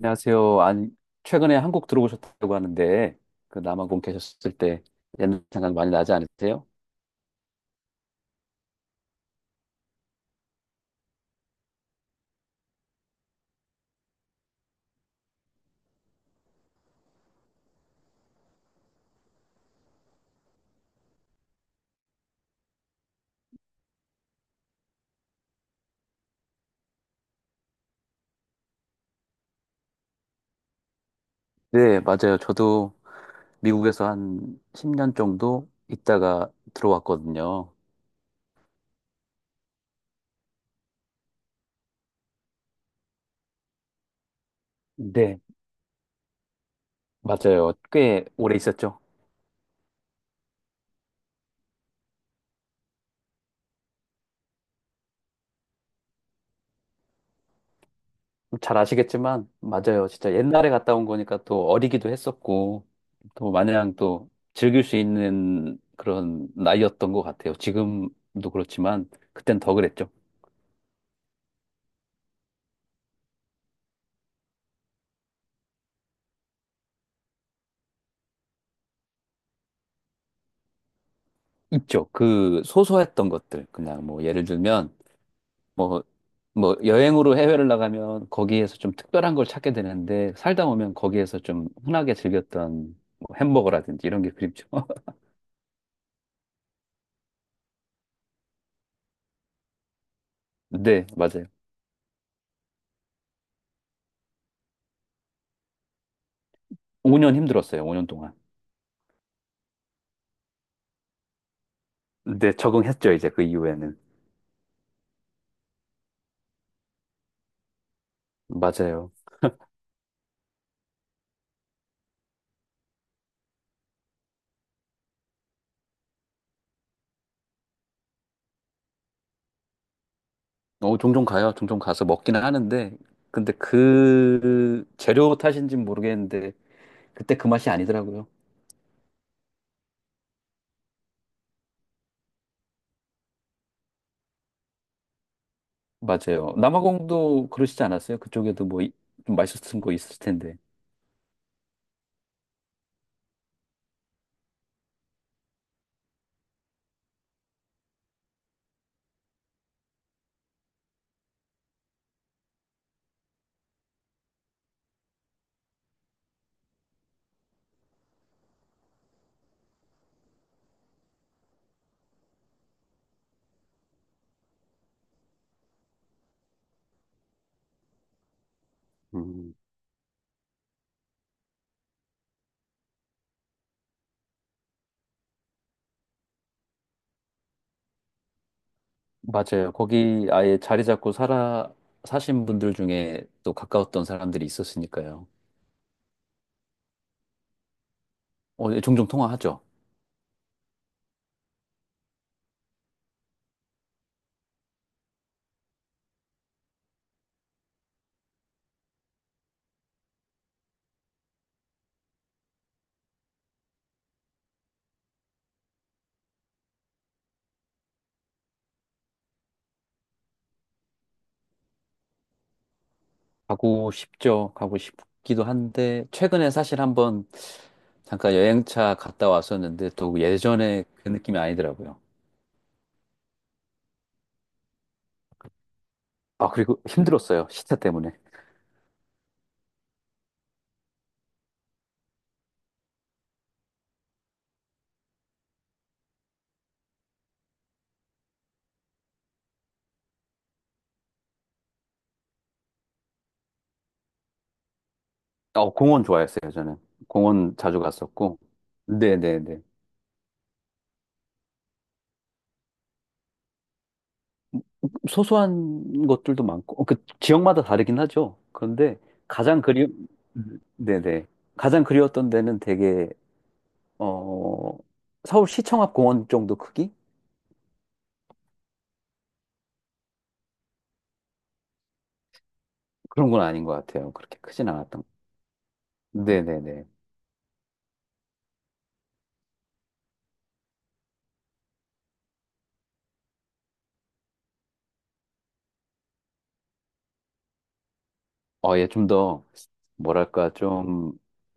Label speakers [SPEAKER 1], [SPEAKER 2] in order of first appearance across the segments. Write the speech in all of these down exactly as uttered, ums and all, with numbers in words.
[SPEAKER 1] 안녕하세요. 아니, 최근에 한국 들어오셨다고 하는데, 그 남아공 계셨을 때 옛날 생각 많이 나지 않으세요? 네, 맞아요. 저도 미국에서 한 십 년 정도 있다가 들어왔거든요. 네, 맞아요. 꽤 오래 있었죠. 잘 아시겠지만, 맞아요. 진짜 옛날에 갔다 온 거니까 또 어리기도 했었고, 또 마냥 또 즐길 수 있는 그런 나이였던 것 같아요. 지금도 그렇지만, 그땐 더 그랬죠. 있죠. 그 소소했던 것들. 그냥 뭐 예를 들면 뭐 뭐 여행으로 해외를 나가면 거기에서 좀 특별한 걸 찾게 되는데 살다 보면 거기에서 좀 흔하게 즐겼던 뭐 햄버거라든지 이런 게 그립죠. 네, 맞아요. 오 년 힘들었어요. 오 년 동안. 네, 적응했죠. 이제 그 이후에는. 맞아요. 어, 종종 가요. 종종 가서 먹기는 하는데 근데 그 재료 탓인지는 모르겠는데 그때 그 맛이 아니더라고요. 맞아요. 남아공도 그러시지 않았어요? 그쪽에도 뭐 좀 맛있었던 거 있을 텐데. 음, 맞아요. 거기 아예 자리 잡고 살아 사신 분들 중에 또 가까웠던 사람들이 있었으니까요. 어, 예, 종종 통화하죠. 가고 싶죠. 가고 싶기도 한데 최근에 사실 한번 잠깐 여행차 갔다 왔었는데 또 예전에 그 느낌이 아니더라고요. 아, 그리고 힘들었어요. 시차 때문에. 어, 공원 좋아했어요, 저는. 공원 자주 갔었고. 네네네. 소소한 것들도 많고, 어, 그 지역마다 다르긴 하죠. 그런데 가장 그리, 음. 네네. 가장 그리웠던 데는 되게, 어, 서울 시청 앞 공원 정도 크기? 그런 건 아닌 것 같아요. 그렇게 크진 않았던. 네네네. 어, 예, 좀 더, 뭐랄까, 좀,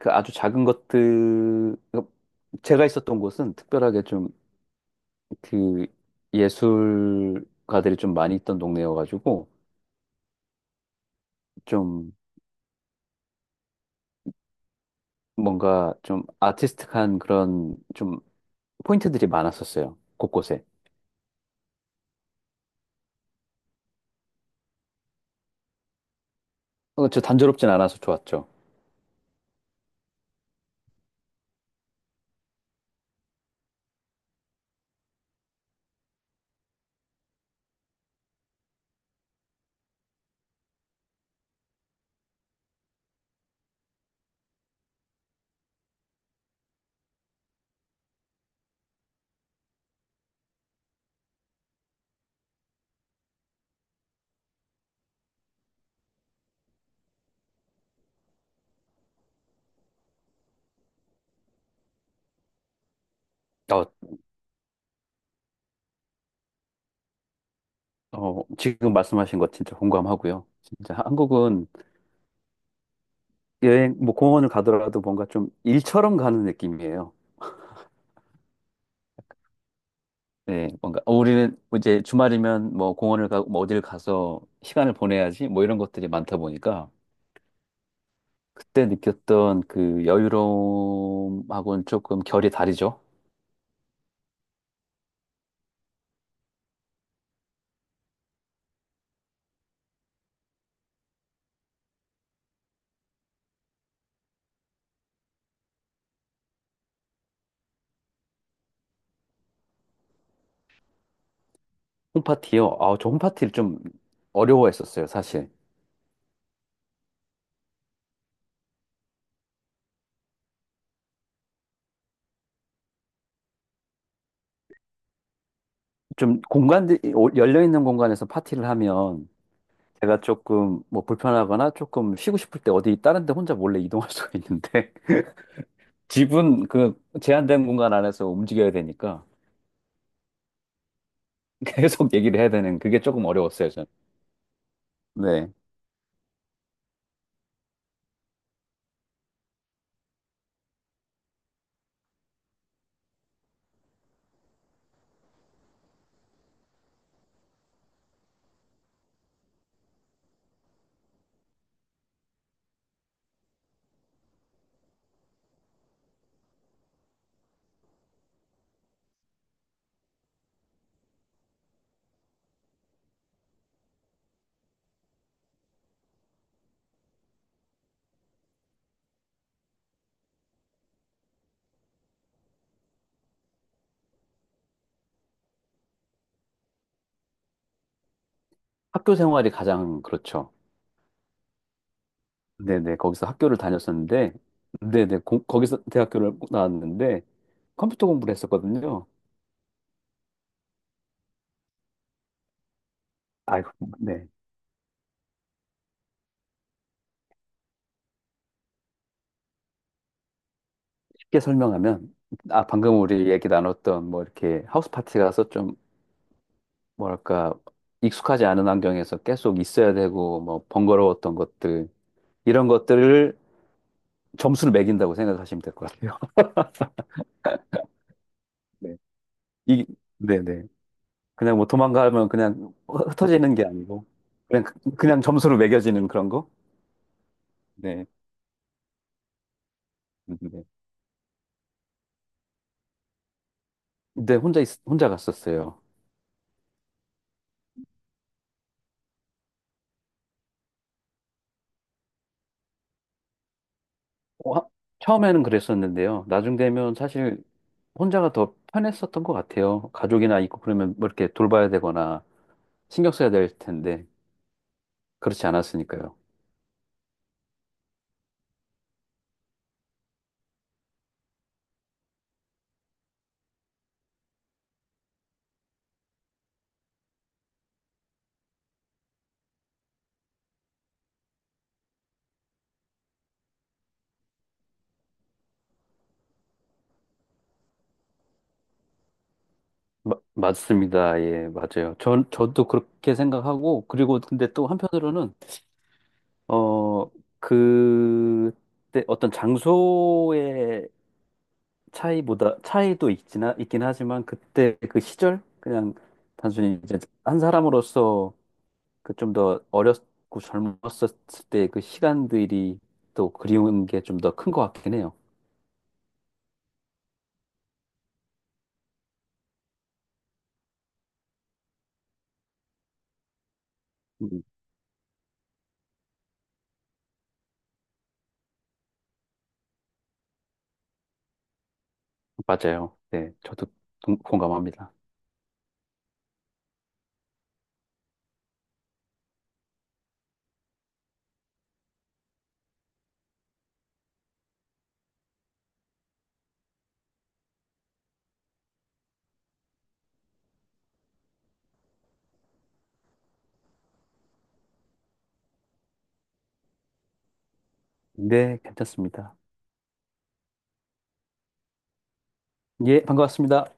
[SPEAKER 1] 그 아주 작은 것들, 그 제가 있었던 곳은 특별하게 좀, 그, 예술가들이 좀 많이 있던 동네여가지고, 좀 뭔가 좀 아티스틱한 그런 좀 포인트들이 많았었어요. 곳곳에. 어, 저 단조롭진 않아서 좋았죠. 어, 어, 지금 말씀하신 것 진짜 공감하고요. 진짜 한국은 여행, 뭐 공원을 가더라도 뭔가 좀 일처럼 가는 느낌이에요. 네, 뭔가 어, 우리는 뭐 이제 주말이면 뭐 공원을 가고 뭐 어딜 가서 시간을 보내야지 뭐 이런 것들이 많다 보니까 그때 느꼈던 그 여유로움하고는 조금 결이 다르죠. 홈파티요. 아, 저 홈파티를 좀 어려워했었어요, 사실. 좀 공간들이 열려 있는 공간에서 파티를 하면 제가 조금 뭐 불편하거나 조금 쉬고 싶을 때 어디 다른 데 혼자 몰래 이동할 수가 있는데 집은 그 제한된 공간 안에서 움직여야 되니까 계속 얘기를 해야 되는 그게 조금 어려웠어요, 저는. 네. 학교 생활이 가장 그렇죠. 네네. 거기서 학교를 다녔었는데 네네. 고- 거기서 대학교를 나왔는데 컴퓨터 공부를 했었거든요. 아이고, 네. 쉽게 설명하면, 아, 방금 우리 얘기 나눴던, 뭐, 이렇게 하우스 파티 가서 좀 뭐랄까, 익숙하지 않은 환경에서 계속 있어야 되고, 뭐, 번거로웠던 것들, 이런 것들을 점수를 매긴다고 생각하시면 될 것 같아요. 네. 이, 네네. 그냥 뭐 도망가면 그냥 흩어지는 게 아니고, 그냥, 그냥 점수로 매겨지는 그런 거? 네. 네. 근데 혼자, 있, 혼자 갔었어요. 어, 하- 처음에는 그랬었는데요. 나중 되면 사실 혼자가 더 편했었던 것 같아요. 가족이나 있고 그러면 뭐 이렇게 돌봐야 되거나 신경 써야 될 텐데, 그렇지 않았으니까요. 마- 맞습니다. 예, 맞아요. 전, 저도 그렇게 생각하고, 그리고 근데 또 한편으로는, 어, 그때 어떤 장소의 차이보다, 차이도 있긴, 하, 있긴 하지만, 그때 그 시절? 그냥 단순히 이제 한 사람으로서 그 좀 더 어렸고 젊었을 때 그 시간들이 또 그리운 게 좀 더 큰 것 같긴 해요. 음, 맞아요. 네, 저도 동- 공감합니다. 네, 괜찮습니다. 예, 반가웠습니다.